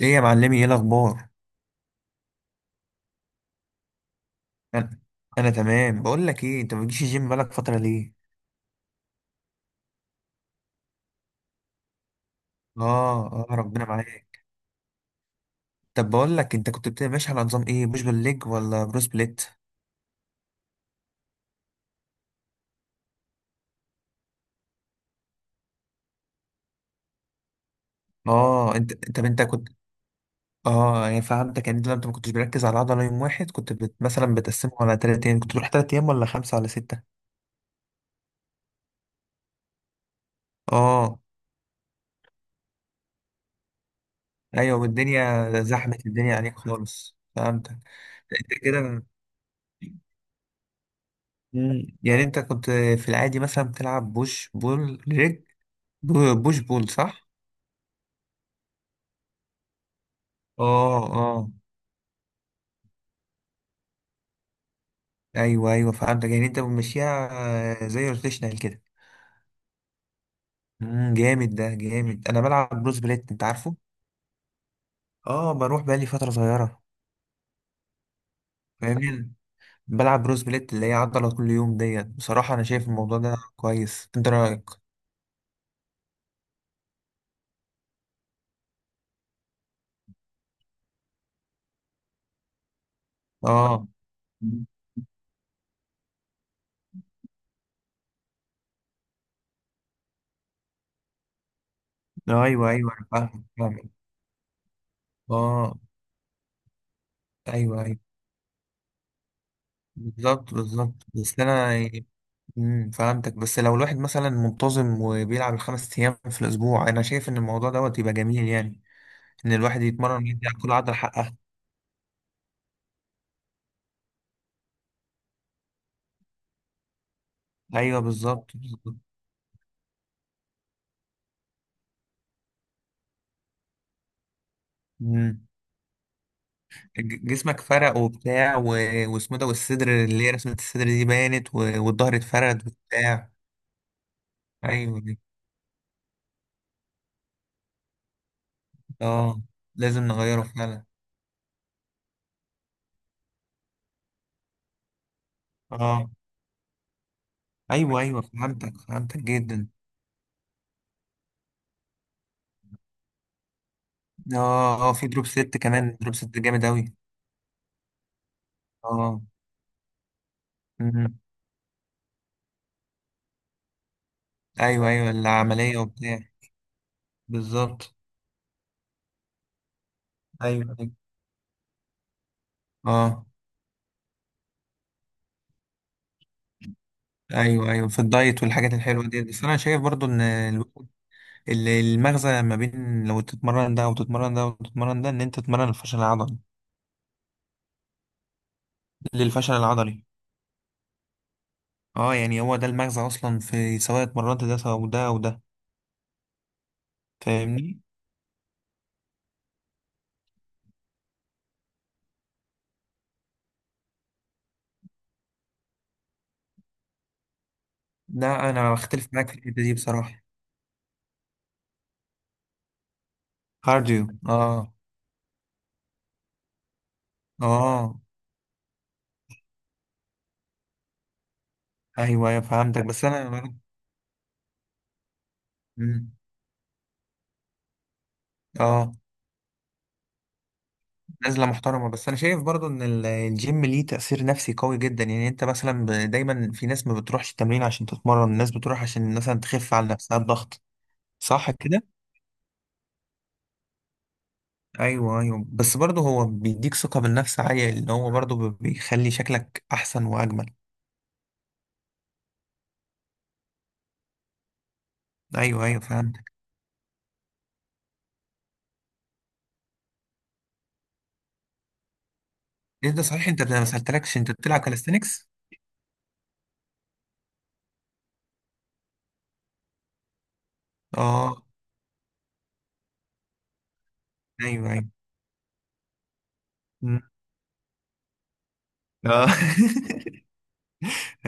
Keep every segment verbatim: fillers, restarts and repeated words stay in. ايه يا معلمي، ايه الاخبار؟ انا انا تمام. بقول لك ايه، انت ما بتجيش الجيم بقالك فتره ليه؟ اه اه ربنا معاك. طب بقول لك، انت كنت بتبقى ماشي على نظام ايه، بوش بالليج ولا برو سبليت؟ اه، انت طب انت كنت اه يعني فهمتك. يعني انت انت ما كنتش بركز على عضله يوم واحد. كنت بت... مثلا بتقسمه على تلات ايام. كنت تروح تلات ايام ولا خمسه ولا سته؟ اه، ايوه. والدنيا زحمت، الدنيا عليك خالص، فهمتك. انت كده. مم. يعني انت كنت في العادي مثلا بتلعب بوش بول رجل، بو- بوش بول، صح؟ اه اه، ايوه ايوه، فهمتك. يعني انت بتمشيها آه، زي روتيشنال كده. امم جامد، ده جامد. انا بلعب بروس بليت، انت عارفه؟ اه، بروح بقالي فترة صغيرة. فاهمني؟ بلعب بروس بليت اللي هي عضلة كل يوم. ديت بصراحة انا شايف الموضوع ده كويس، انت رأيك؟ اه، ايوه ايوه، انا فاهم فاهم. اه، ايوه ايوه، بالظبط بالظبط. بس انا يعني امم فهمتك. بس لو الواحد مثلا منتظم وبيلعب الخمس ايام في الاسبوع، انا شايف ان الموضوع دوت يبقى جميل. يعني ان الواحد يتمرن يدي على كل عضله حقها. ايوه، بالظبط بالظبط. امم ج- جسمك فرق وبتاع و... واسمه إيه ده؟ والصدر اللي هي رسمه الصدر دي بانت و... والظهر اتفرد وبتاع. ايوه دي. اه، لازم نغيره فعلا. اه، ايوه ايوه، فهمتك فهمتك جدا. اه اه في دروب ست كمان، دروب ست جامد اوي. اه. امم. ايوه ايوه، العمليه وبتاع. بالظبط، ايوه ايوه. اه، ايوه ايوه. في الدايت والحاجات الحلوه دي، بس انا شايف برضو ان ال- ال- المغزى ما بين لو تتمرن ده وتتمرن ده وتتمرن ده، ان انت تتمرن الفشل العضلي، للفشل العضلي. اه، يعني هو ده المغزى اصلا. في سواء اتمرنت ده او ده او ده، فاهمني. لا، انا بختلف معاك في الحته دي بصراحه. كارديو، اه. اه، ايوه ايوه، فهمتك بس انا. مم. اه، نزلة محترمة. بس أنا شايف برضو إن ال- الجيم ليه تأثير نفسي قوي جدا. يعني أنت مثلا ب- دايما في ناس ما بتروحش التمرين عشان تتمرن. الناس بتروح عشان مثلا تخف على نفسها الضغط، صح كده؟ أيوه أيوه، بس برضو هو بيديك ثقة بالنفس عالية، لأن هو برضو ب- بيخلي شكلك أحسن وأجمل. أيوه أيوه، فهمتك. إيه ده؟ صحيح، أنت ما سألتلكش، أنت بتلعب كاليستنكس؟ أه، أيوه أيوه. مم. أه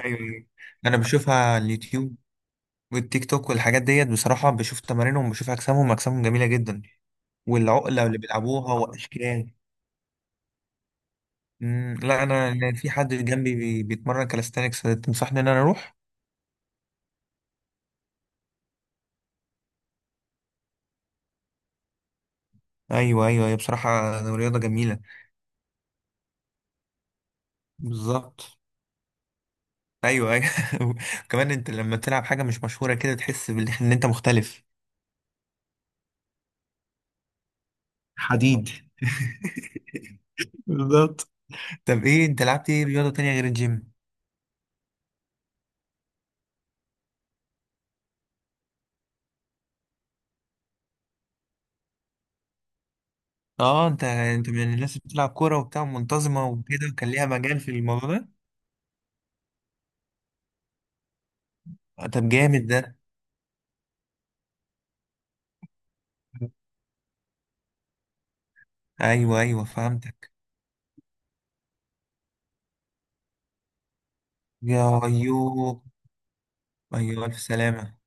أيوه أيوه. أنا بشوفها على اليوتيوب والتيك توك والحاجات ديت. بصراحة بشوف تمارينهم، بشوف أجسامهم، أجسامهم جميلة جدا، والعقلة اللي بيلعبوها وأشكال. مم، لا، أنا أنا في حد جنبي بي- بيتمرن كاليستانكس، تنصحني إن أنا أروح؟ أيوه أيوه، هي بصراحة رياضة جميلة. بالظبط، أيوه أيوه. كمان أنت لما تلعب حاجة مش مشهورة كده، تحس بال- إن أنت مختلف. حديد بالظبط. طب إيه، أنت لعبت إيه رياضة تانية غير الجيم؟ أه، أنت أنت من الناس اللي بتلعب كورة وبتاع منتظمة وكده، وكان ليها مجال في الموضوع ده. طب جامد ده. ايوه ايوه، فهمتك. يا ايوه، ايوه الف سلامه.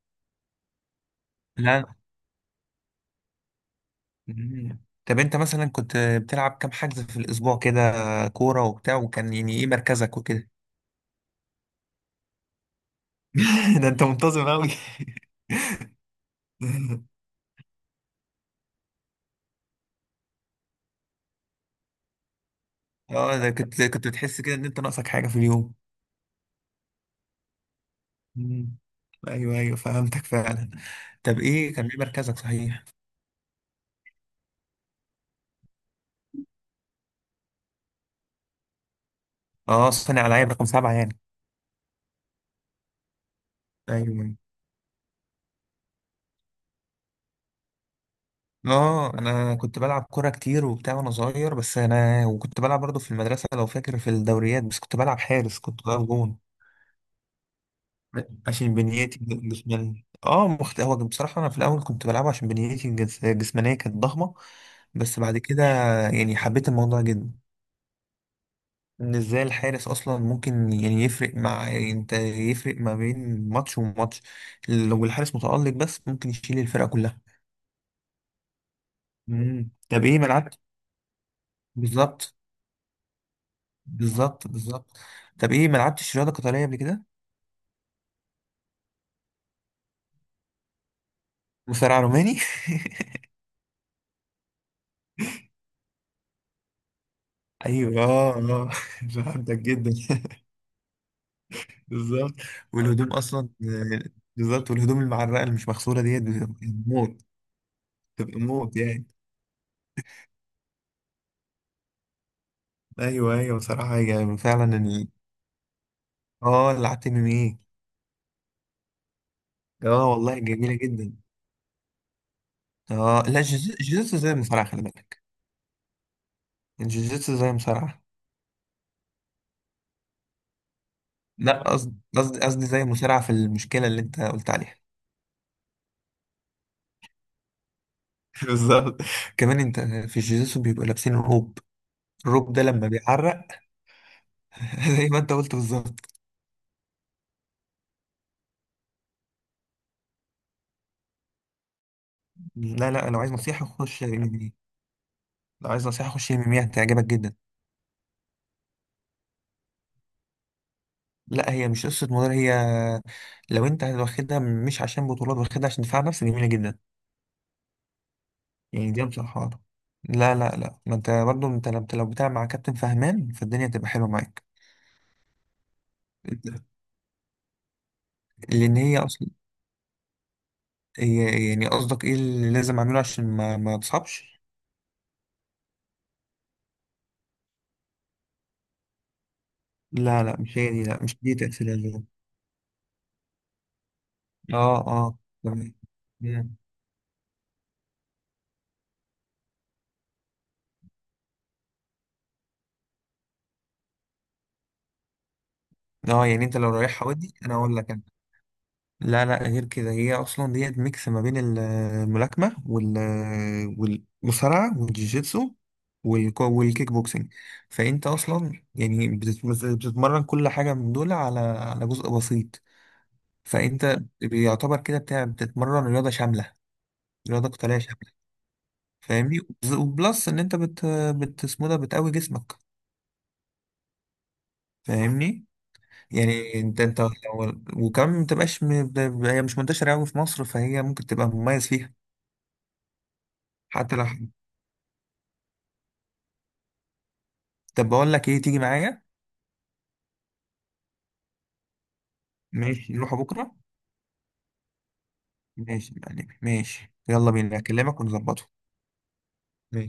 لا. مم. طب انت مثلا كنت بتلعب كام حجز في الاسبوع كده، كوره وبتاع، وكان يعني ايه مركزك وكده؟ ده انت منتظم قوي. اه، ده كنت كنت بتحس كده ان انت ناقصك حاجه في اليوم. مم. ايوه ايوه، فهمتك فعلا. طب ايه، كان ايه مركزك، صحيح؟ اه، صانع العاب رقم سبعه يعني. ايوه. اه، انا كنت بلعب كوره كتير وبتاع وانا صغير. بس انا، وكنت بلعب برضه في المدرسه لو فاكر، في الدوريات، بس كنت بلعب حارس، كنت بلعب جون. عشان بنيتي جسمانية، اه، مخت... هو بصراحه انا في الاول كنت بلعبه عشان بنيتي الجس- الجسمانيه كانت ضخمه. بس بعد كده، يعني حبيت الموضوع جدا. ان ازاي الحارس اصلا ممكن يعني يفرق مع، يعني انت، يفرق ما بين ماتش وماتش. لو الحارس متالق بس، ممكن يشيل الفرقه كلها. مم. طب ايه ما لعبت؟ بالظبط بالظبط، بالظبط. طب ايه، ما لعبتش رياضه قتاليه قبل كده؟ مصارع روماني. ايوه، اه اه فهمتك جدا. بالظبط، والهدوم اصلا آه، بالظبط، والهدوم المعرقه اللي مش مغسوله ديت بتبقى موت. بتبقى موت يعني. ايوه ايوه، بصراحه، يعني فعلا ال... اه، لعبت ام ام ايه. اه والله جميله جدا. اه، لا، جوجيتسو. جوجيتسو زي المصارعه، خلي بالك. الجوجيتسو زي المصارعه. لا، قصدي قصدي قصدي زي المصارعه، في المشكله اللي انت قلت عليها. بالظبط. كمان انت في الجيزوسو بيبقوا لابسين روب. الروب ده لما بيعرق زي ما انت قلت، بالظبط. لا لا، لو عايز نصيحة خش ام ام اي. لو عايز نصيحة خش ام ام اي، هتعجبك جدا. لا، هي مش قصة مدرب. هي لو انت واخدها مش عشان بطولات، واخدها عشان دفاع نفسي، جميلة جدا. يعني دي بصراحة. لا لا لا، ما انت برضه، انت لو لو بتلعب مع كابتن فهمان، فالدنيا تبقى حلوة معاك. لان هي اصلا. هي يعني قصدك ايه اللي لازم اعمله عشان ما ما تصابش؟ لا لا، مش هي دي. لا، مش دي تأثير. اه اه تمام. مم. اه، يعني انت لو رايحها، ودي انا اقول لك، انا. لا لا، غير كده هي اصلا ديت ميكس ما بين ال- الملاكمه وال والمصارعه والجيجيتسو والك- والكيك بوكسنج. فانت اصلا يعني بتت- بتتمرن كل حاجه من دول، على على جزء بسيط. فانت بيعتبر كده بتاع بتتمرن رياضه شامله، رياضه قتاليه شامله، فاهمني. وبلس ان انت بت بت اسمه ده، بتقوي جسمك، فاهمني. يعني انت انت لو- وكمان ما تبقاش م- ب- ب- هي مش منتشره قوي في مصر، فهي ممكن تبقى مميز فيها. حتى لو، حلو. طب بقول لك ايه، تيجي معايا؟ ماشي، نروح بكره. ماشي يعني، ماشي، يلا بينا، اكلمك ونظبطه. ماشي.